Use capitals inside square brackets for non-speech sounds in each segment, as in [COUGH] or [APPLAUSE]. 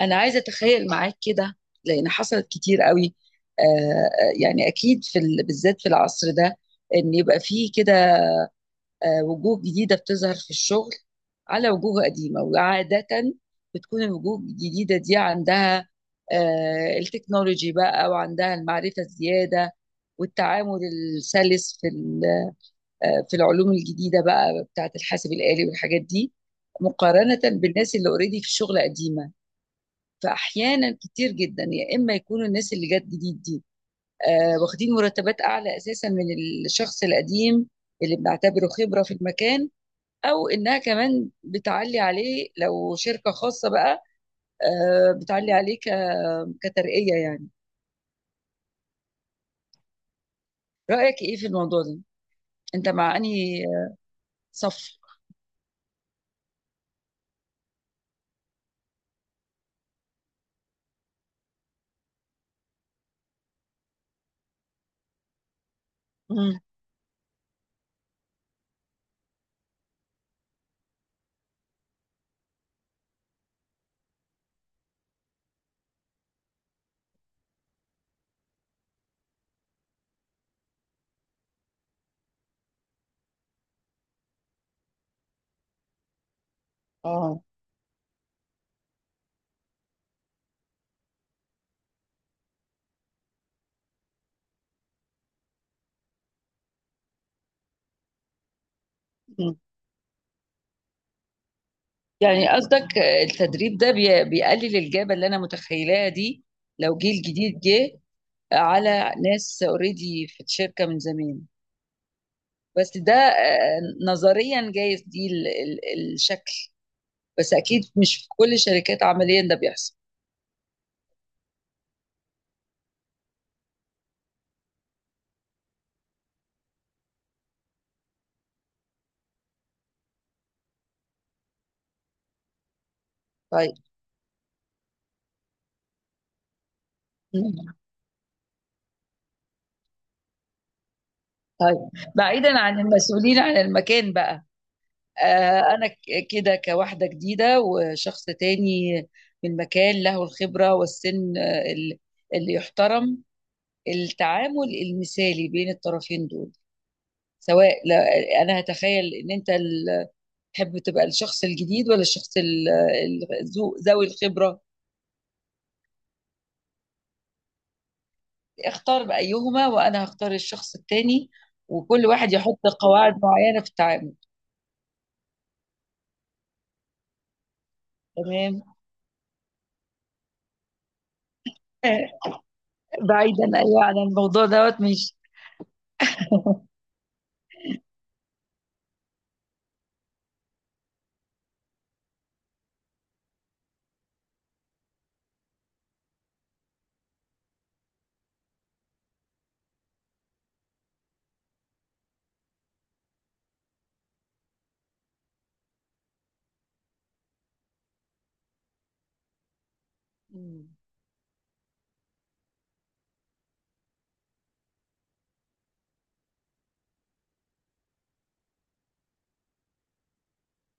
انا عايزه اتخيل معاك كده، لان حصلت كتير قوي. يعني اكيد في بالذات في العصر ده ان يبقى فيه كده، وجوه جديده بتظهر في الشغل على وجوه قديمه. وعاده بتكون الوجوه الجديده دي عندها التكنولوجي بقى، وعندها المعرفه الزياده والتعامل السلس في في العلوم الجديده بقى بتاعه الحاسب الآلي والحاجات دي، مقارنه بالناس اللي اوريدي في الشغل قديمه. فاحيانا كتير جدا يا اما يكونوا الناس اللي جت جديد دي، واخدين مرتبات اعلى اساسا من الشخص القديم اللي بنعتبره خبره في المكان، او انها كمان بتعلي عليه لو شركه خاصه بقى. بتعلي عليه كترقيه يعني. رايك ايه في الموضوع ده؟ انت مع انهي صف؟ مم. اه. مم. يعني قصدك التدريب ده بيقلل الجابه اللي انا متخيلاها دي، لو جيل جديد جه على ناس اوريدي في الشركة من زمان. بس ده نظريا جايز دي الشكل، بس اكيد مش في كل الشركات عمليا ده بيحصل. طيب، طيب. بعيدا عن المسؤولين عن المكان بقى، انا كده كواحدة جديدة وشخص تاني من مكان له الخبرة والسن، اللي يحترم التعامل المثالي بين الطرفين دول. سواء، انا هتخيل ان انت تحب تبقى الشخص الجديد ولا الشخص ذوي الخبرة. اختار بأيهما وأنا هختار الشخص التاني، وكل واحد يحط قواعد معينة في التعامل. تمام. [LAUGHS] بعيدا، أيوة، عن الموضوع دوت مش. [LAUGHS] مم.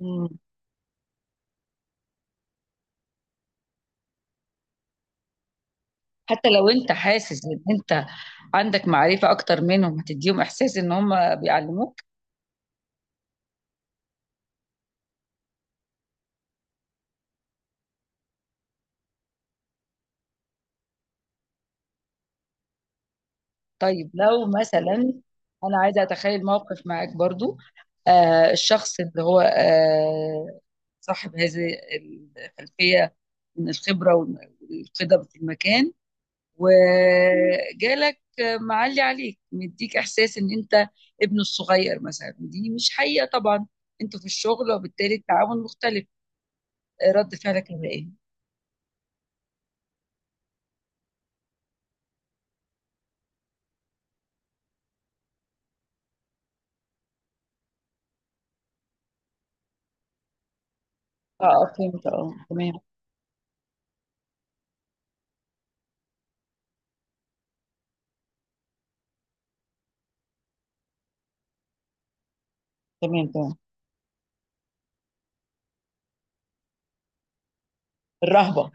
مم. حتى لو انت حاسس ان انت عندك معرفة اكتر منهم، هتديهم احساس ان هم بيعلموك. طيب. لو مثلا انا عايزة اتخيل موقف معاك برضو. الشخص اللي هو صاحب هذه الخلفية من الخبرة والقدم في المكان، وجالك معلي عليك، مديك إحساس إن أنت ابنه الصغير مثلا، ودي مش حقيقة طبعا، أنتوا في الشغل وبالتالي التعاون مختلف. رد فعلك هيبقى إيه؟ اه، فهمت. اه، تمام، تمام، تمام. الرهبة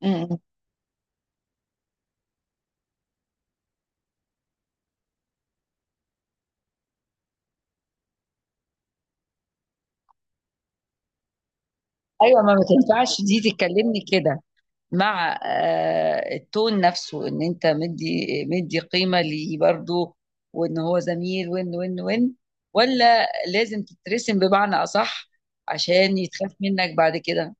م- م. ايوه، ما تنفعش دي تتكلمني كده، مع التون نفسه ان انت مدي مدي قيمة ليه برضه، وان هو زميل وان. ولا لازم تترسم بمعنى اصح، عشان يتخاف منك بعد كده؟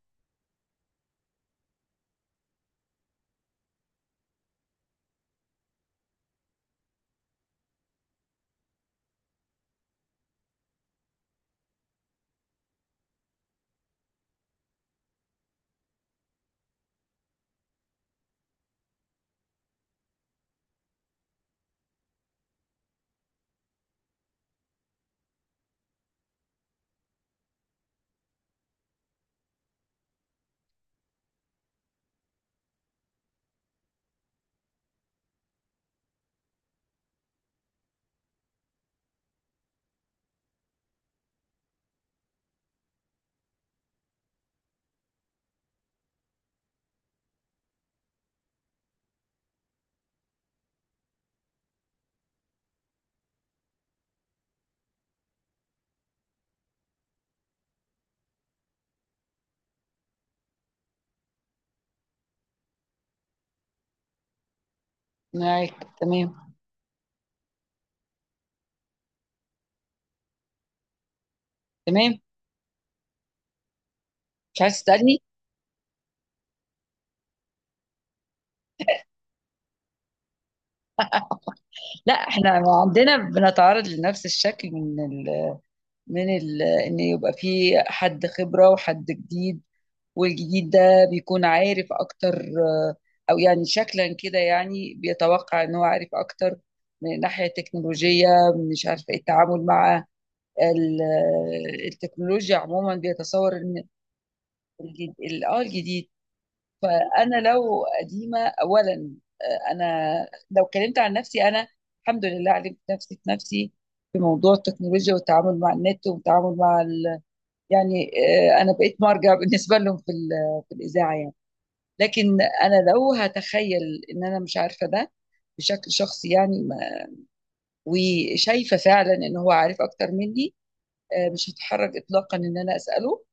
معاك. تمام، تمام. مش عايز تسألني؟ لا، احنا عندنا بنتعرض لنفس الشكل ان يبقى في حد خبرة وحد جديد. والجديد ده بيكون عارف اكتر، او يعني شكلا كده يعني بيتوقع ان هو عارف اكتر من ناحية التكنولوجية، مش عارف إيه التعامل مع التكنولوجيا عموما، بيتصور ان الجديد الجديد. فانا لو قديمة اولا، انا لو اتكلمت عن نفسي، انا الحمد لله علمت نفسي في نفسي في موضوع التكنولوجيا والتعامل مع النت والتعامل مع يعني، انا بقيت مرجع [LAUGHS] بالنسبة لهم في الاذاعة يعني. لكن انا لو هتخيل ان انا مش عارفه ده بشكل شخصي يعني، وشايفه فعلا ان هو عارف اكتر مني، مش هتحرج اطلاقا ان انا اساله.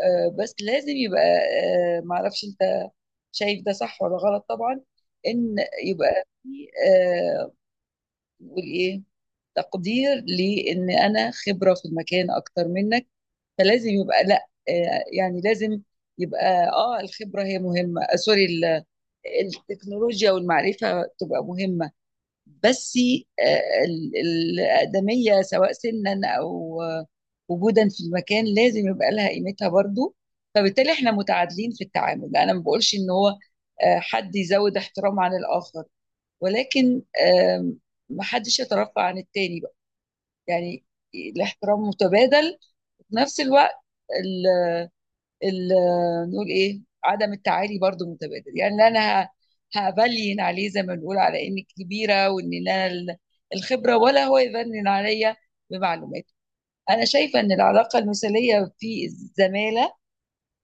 بس لازم يبقى، معرفش انت شايف ده صح ولا غلط طبعا. ان يبقى في، آه، نقول ايه، تقدير لان انا خبره في المكان اكتر منك. فلازم يبقى، لا يعني، لازم يبقى الخبره هي مهمه، سوري، التكنولوجيا والمعرفة تبقى مهمة. بس، آه، ال- الأقدمية سواء سنا أو وجودا في المكان، لازم يبقى لها قيمتها برضو. فبالتالي احنا متعادلين في التعامل، أنا ما بقولش إن هو حد يزود احترام عن الآخر، ولكن محدش يترفع عن التاني بقى يعني. الاحترام متبادل، في نفس الوقت نقول ايه، عدم التعالي برضو متبادل يعني، لا انا هبلين عليه زي ما بنقول على اني كبيره وان انا الخبره، ولا هو يبنن عليا بمعلومات. انا شايفه ان العلاقه المثاليه في الزماله،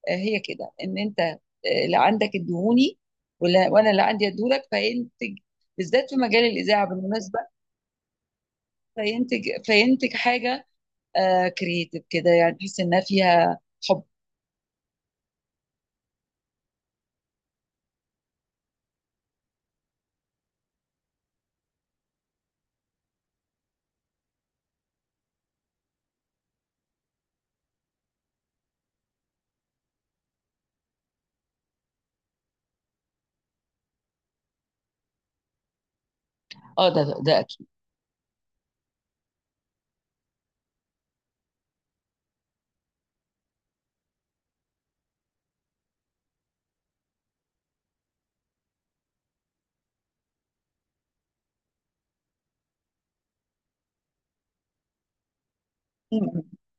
هي كده، ان انت اللي عندك ادهوني ولا وانا اللي عندي ادولك، فينتج بالذات في مجال الاذاعه بالمناسبه. فينتج حاجه كرييتيف كده يعني، تحس انها فيها حب. اه، ده اكيد.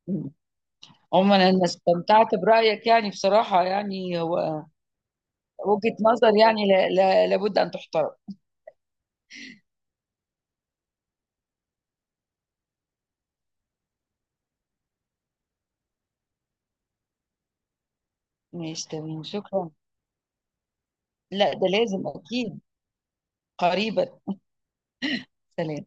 [LAUGHS] عموما انا استمتعت برايك يعني بصراحه، يعني هو وجهه نظر، يعني، لا، لا، لابد ان تحترم. ماشي، تمام، شكرا. لا، ده لازم اكيد. قريبا. سلام.